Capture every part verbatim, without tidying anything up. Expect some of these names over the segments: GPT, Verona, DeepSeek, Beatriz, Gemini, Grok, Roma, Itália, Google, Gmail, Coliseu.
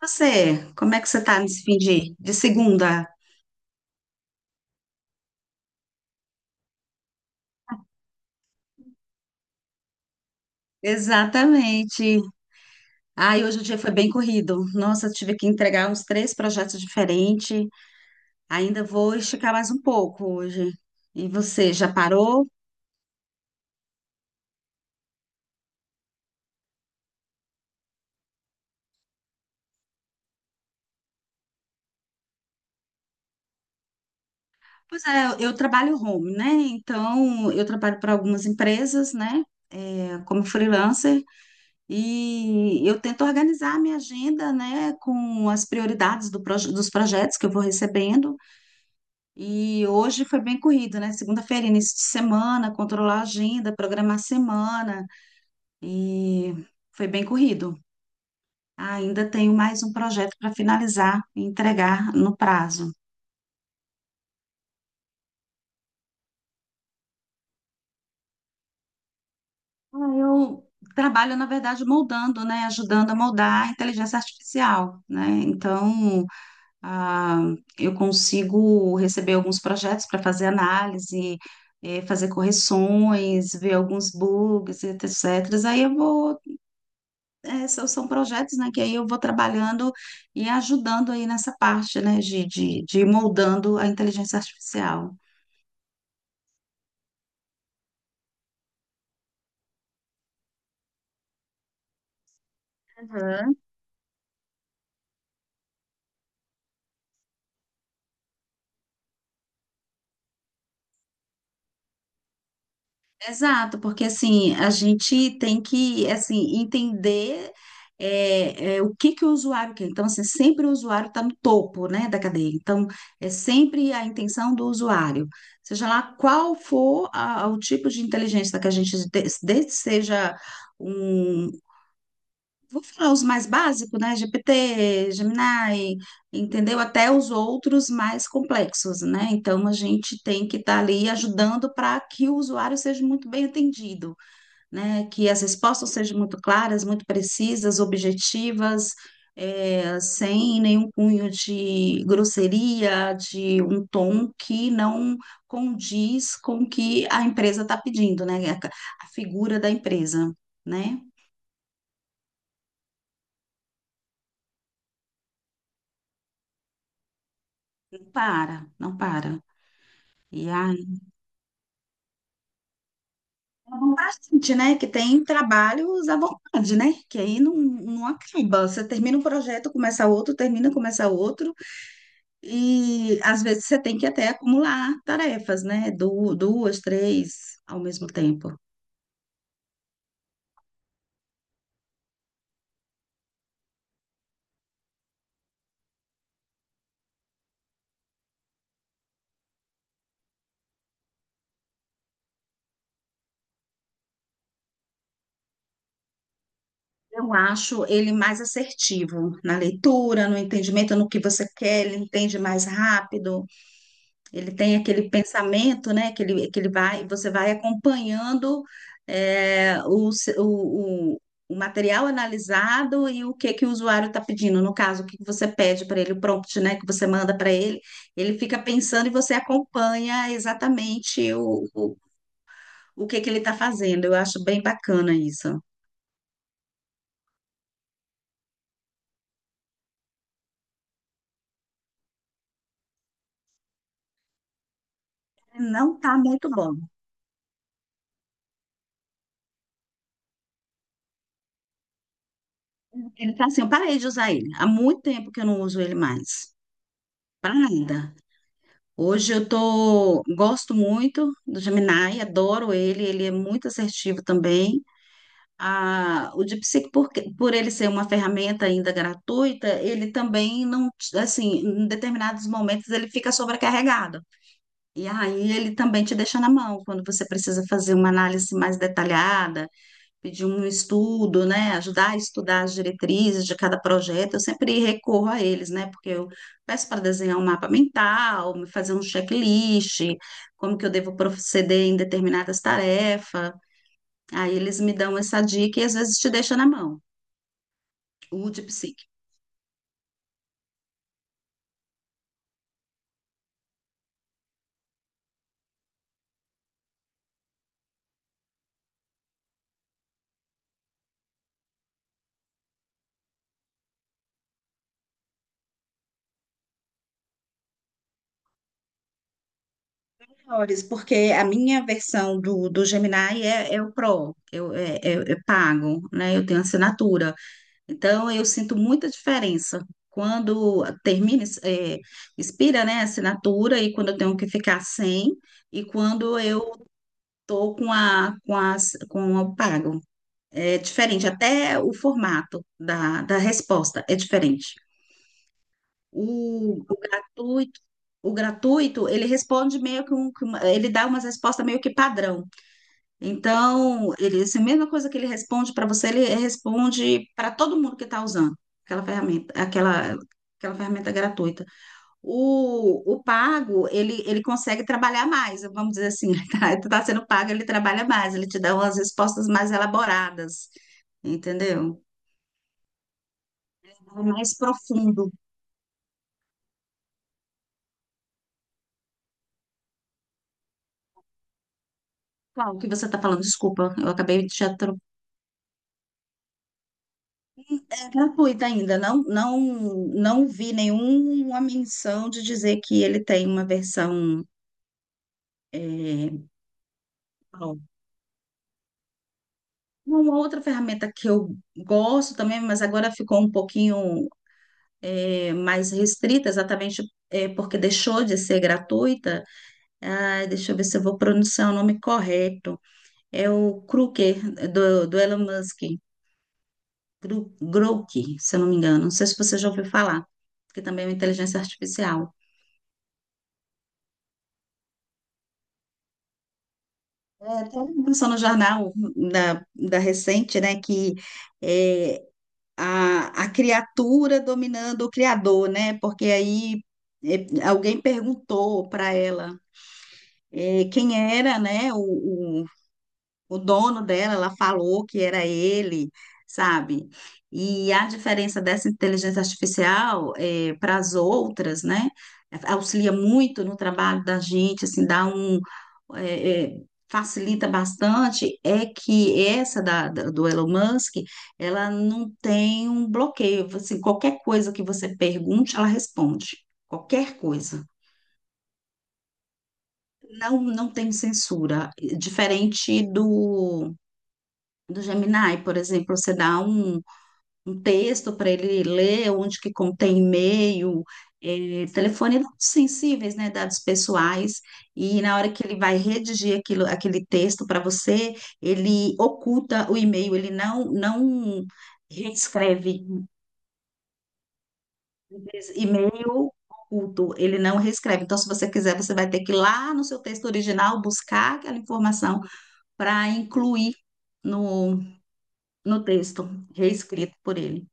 Você, como é que você tá nesse fim de, de segunda? Exatamente. Ai, hoje o dia foi bem corrido. Nossa, eu tive que entregar uns três projetos diferentes. Ainda vou esticar mais um pouco hoje. E você, já parou? Pois é, eu eu trabalho home, né? Então, eu trabalho para algumas empresas, né? É, como freelancer. E eu tento organizar a minha agenda, né? Com as prioridades do proje- dos projetos que eu vou recebendo. E hoje foi bem corrido, né? Segunda-feira, início de semana, controlar a agenda, programar a semana. E foi bem corrido. Ainda tenho mais um projeto para finalizar e entregar no prazo. Ah, eu trabalho, na verdade, moldando, né? Ajudando a moldar a inteligência artificial, né? Então, ah, eu consigo receber alguns projetos para fazer análise, eh, fazer correções, ver alguns bugs, etcétera. Aí eu vou é, são, São projetos, né, que aí eu vou trabalhando e ajudando aí nessa parte, né, de, de, de ir moldando a inteligência artificial. Uhum. Exato, porque assim, a gente tem que, assim, entender é, é, o que que o usuário quer. Então, assim, sempre o usuário está no topo, né, da cadeia. Então, é sempre a intenção do usuário. Seja lá qual for a- o tipo de inteligência que a gente, de- desde que seja um, vou falar os mais básicos, né? G P T, Gemini, entendeu? Até os outros mais complexos, né? Então, a gente tem que estar ali ajudando para que o usuário seja muito bem atendido, né? Que as respostas sejam muito claras, muito precisas, objetivas, eh, sem nenhum cunho de grosseria, de um tom que não condiz com o que a empresa está pedindo, né? A a figura da empresa, né? Não para, não para. E aí, vamos pra frente, né? Que tem trabalhos à vontade, né? Que aí não, não acaba. Você termina um projeto, começa outro, termina, começa outro. E às vezes você tem que até acumular tarefas, né? Du- Duas, três ao mesmo tempo. Eu acho ele mais assertivo na leitura, no entendimento, no que você quer, ele entende mais rápido. Ele tem aquele pensamento, né? Que ele, que ele vai, você vai acompanhando é, o, se- o, o- o material analisado e o que que o usuário está pedindo. No caso, o que que você pede para ele, o prompt, né? Que você manda para ele. Ele fica pensando e você acompanha exatamente o, o, o que que ele está fazendo. Eu acho bem bacana isso. Não está muito bom. Ele está assim, eu parei de usar ele. Há muito tempo que eu não uso ele mais. Para nada. Hoje eu tô, gosto muito do Gemini, adoro ele, ele é muito assertivo também. Ah, o DeepSeek, por, que- por ele ser uma ferramenta ainda gratuita, ele também não, te- assim, em determinados momentos ele fica sobrecarregado. E aí ele também te deixa na mão quando você precisa fazer uma análise mais detalhada, pedir um estudo, né, ajudar a estudar as diretrizes de cada projeto. Eu sempre recorro a eles, né, porque eu peço para desenhar um mapa mental, fazer um checklist, como que eu devo proceder em determinadas tarefas. Aí eles me dão essa dica e às vezes te deixa na mão, o de psique. Melhores. Porque a minha versão do, do Gemini é, é o Pro, eu, é, é- é pago, né? Eu tenho assinatura. Então, eu sinto muita diferença quando termina, é, expira, né, a assinatura e quando eu tenho que ficar sem e quando eu tô com a, com a, com o pago. É diferente, até o formato da, da resposta é diferente. O, o gratuito, o gratuito, ele responde meio que um, que uma- ele dá umas respostas meio que padrão. Então, ele, essa mesma coisa que ele responde para você, ele responde para todo mundo que está usando aquela ferramenta, aquela, aquela ferramenta gratuita. O, o pago, ele, ele consegue trabalhar mais, vamos dizer assim, tá? Tu está sendo pago, ele trabalha mais, ele te dá umas respostas mais elaboradas, entendeu? É mais profundo. Qual que você está falando? Desculpa, eu acabei de te atro- É gratuita ainda, não, não, não vi nenhuma menção de dizer que ele tem uma versão. É, ó, uma outra ferramenta que eu gosto também, mas agora ficou um pouquinho, é, mais restrita, exatamente, é, porque deixou de ser gratuita. Ah, deixa eu ver se eu vou pronunciar o nome correto. É o Kruger, do, do Elon Musk, Gru- Grok, se eu não me engano. Não sei se você já ouviu falar, que também é uma inteligência artificial. É, tem uma informação no jornal da, da recente, né, que é, a, a criatura dominando o criador, né? Porque aí, é, alguém perguntou para ela, é, quem era, né, o, o dono dela, ela falou que era ele, sabe? E a diferença dessa inteligência artificial, eh, para as outras, né? Auxilia muito no trabalho da gente, assim, dá um, é, é, facilita bastante. É que essa da, da- do Elon Musk, ela não tem um bloqueio. Assim, qualquer coisa que você pergunte, ela responde. Qualquer coisa. Não, não tem censura. Diferente do do Gemini, por exemplo, você dá um, um texto para ele ler, onde que contém e-mail, eh, telefone, dados sensíveis, né, dados pessoais, e na hora que ele vai redigir aquilo, aquele texto para você, ele oculta o e-mail, ele não, não reescreve. E-mail oculto, ele não reescreve. Então, se você quiser, você vai ter que ir lá no seu texto original buscar aquela informação para incluir no, no texto reescrito por ele.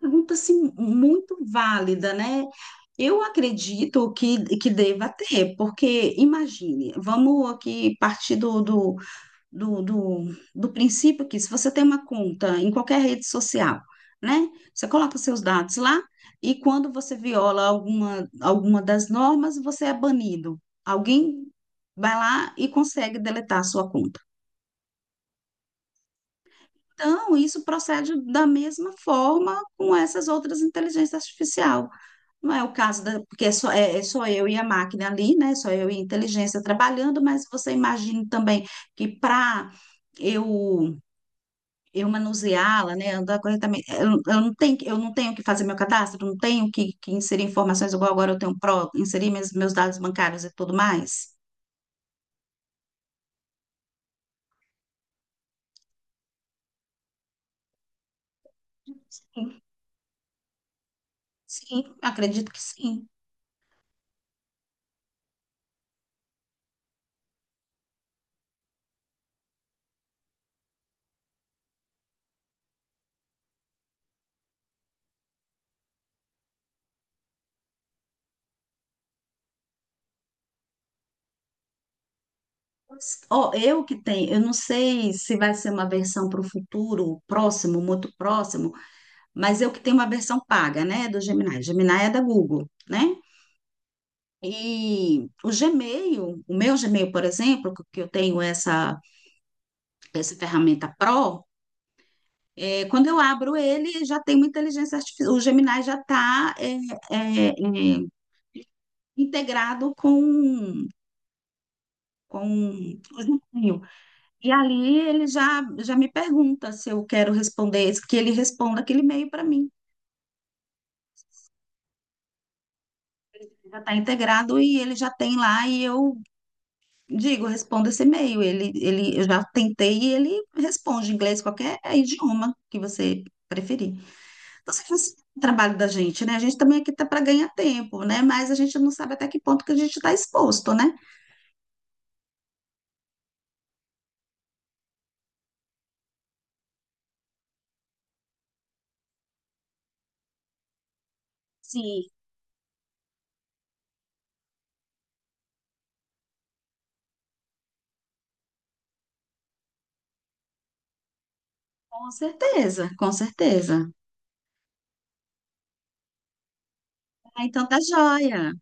Pergunta assim, muito válida, né? Eu acredito que, que deva ter, porque imagine, vamos aqui partir do, do, do, do, do princípio que se você tem uma conta em qualquer rede social, né? Você coloca seus dados lá e quando você viola alguma, alguma das normas, você é banido. Alguém vai lá e consegue deletar a sua conta. Então, isso procede da mesma forma com essas outras inteligências artificiais. Não é o caso da, porque é só, é, é só eu e a máquina ali, né? Só eu e a inteligência trabalhando, mas você imagina também que para eu, eu manuseá-la, né, andar corretamente, eu, eu não tenho, que- eu não tenho que fazer meu cadastro, não tenho que, que inserir informações igual agora eu tenho pro, inserir meus, meus dados bancários e tudo mais. Sim, sim, acredito que sim. Mas, ó, eu que tenho, eu não sei se vai ser uma versão para o futuro próximo, muito próximo, mas eu que tenho uma versão paga, né, do Gemini. Gemini é da Google, né? E o Gmail, o meu Gmail, por exemplo, que que eu tenho essa, essa ferramenta Pro, é, quando eu abro ele, já tem uma inteligência artificial. O Gemini já está integrado com, com o Gmail. E ali ele já, já me pergunta se eu quero responder, que ele responda aquele e-mail para mim. Já está integrado e ele já tem lá e eu digo, responda esse e-mail. Ele, ele, eu já tentei e ele responde em inglês, qualquer é idioma que você preferir. Então, você faz o trabalho da gente, né? A gente também aqui tá para ganhar tempo, né? Mas a gente não sabe até que ponto que a gente está exposto, né? Sim. Com certeza, com certeza. Ah, então tá joia.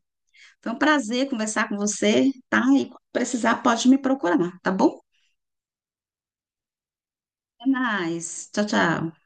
Foi um prazer conversar com você, tá? E quando precisar, pode me procurar, tá bom? Até mais. Tchau, tchau.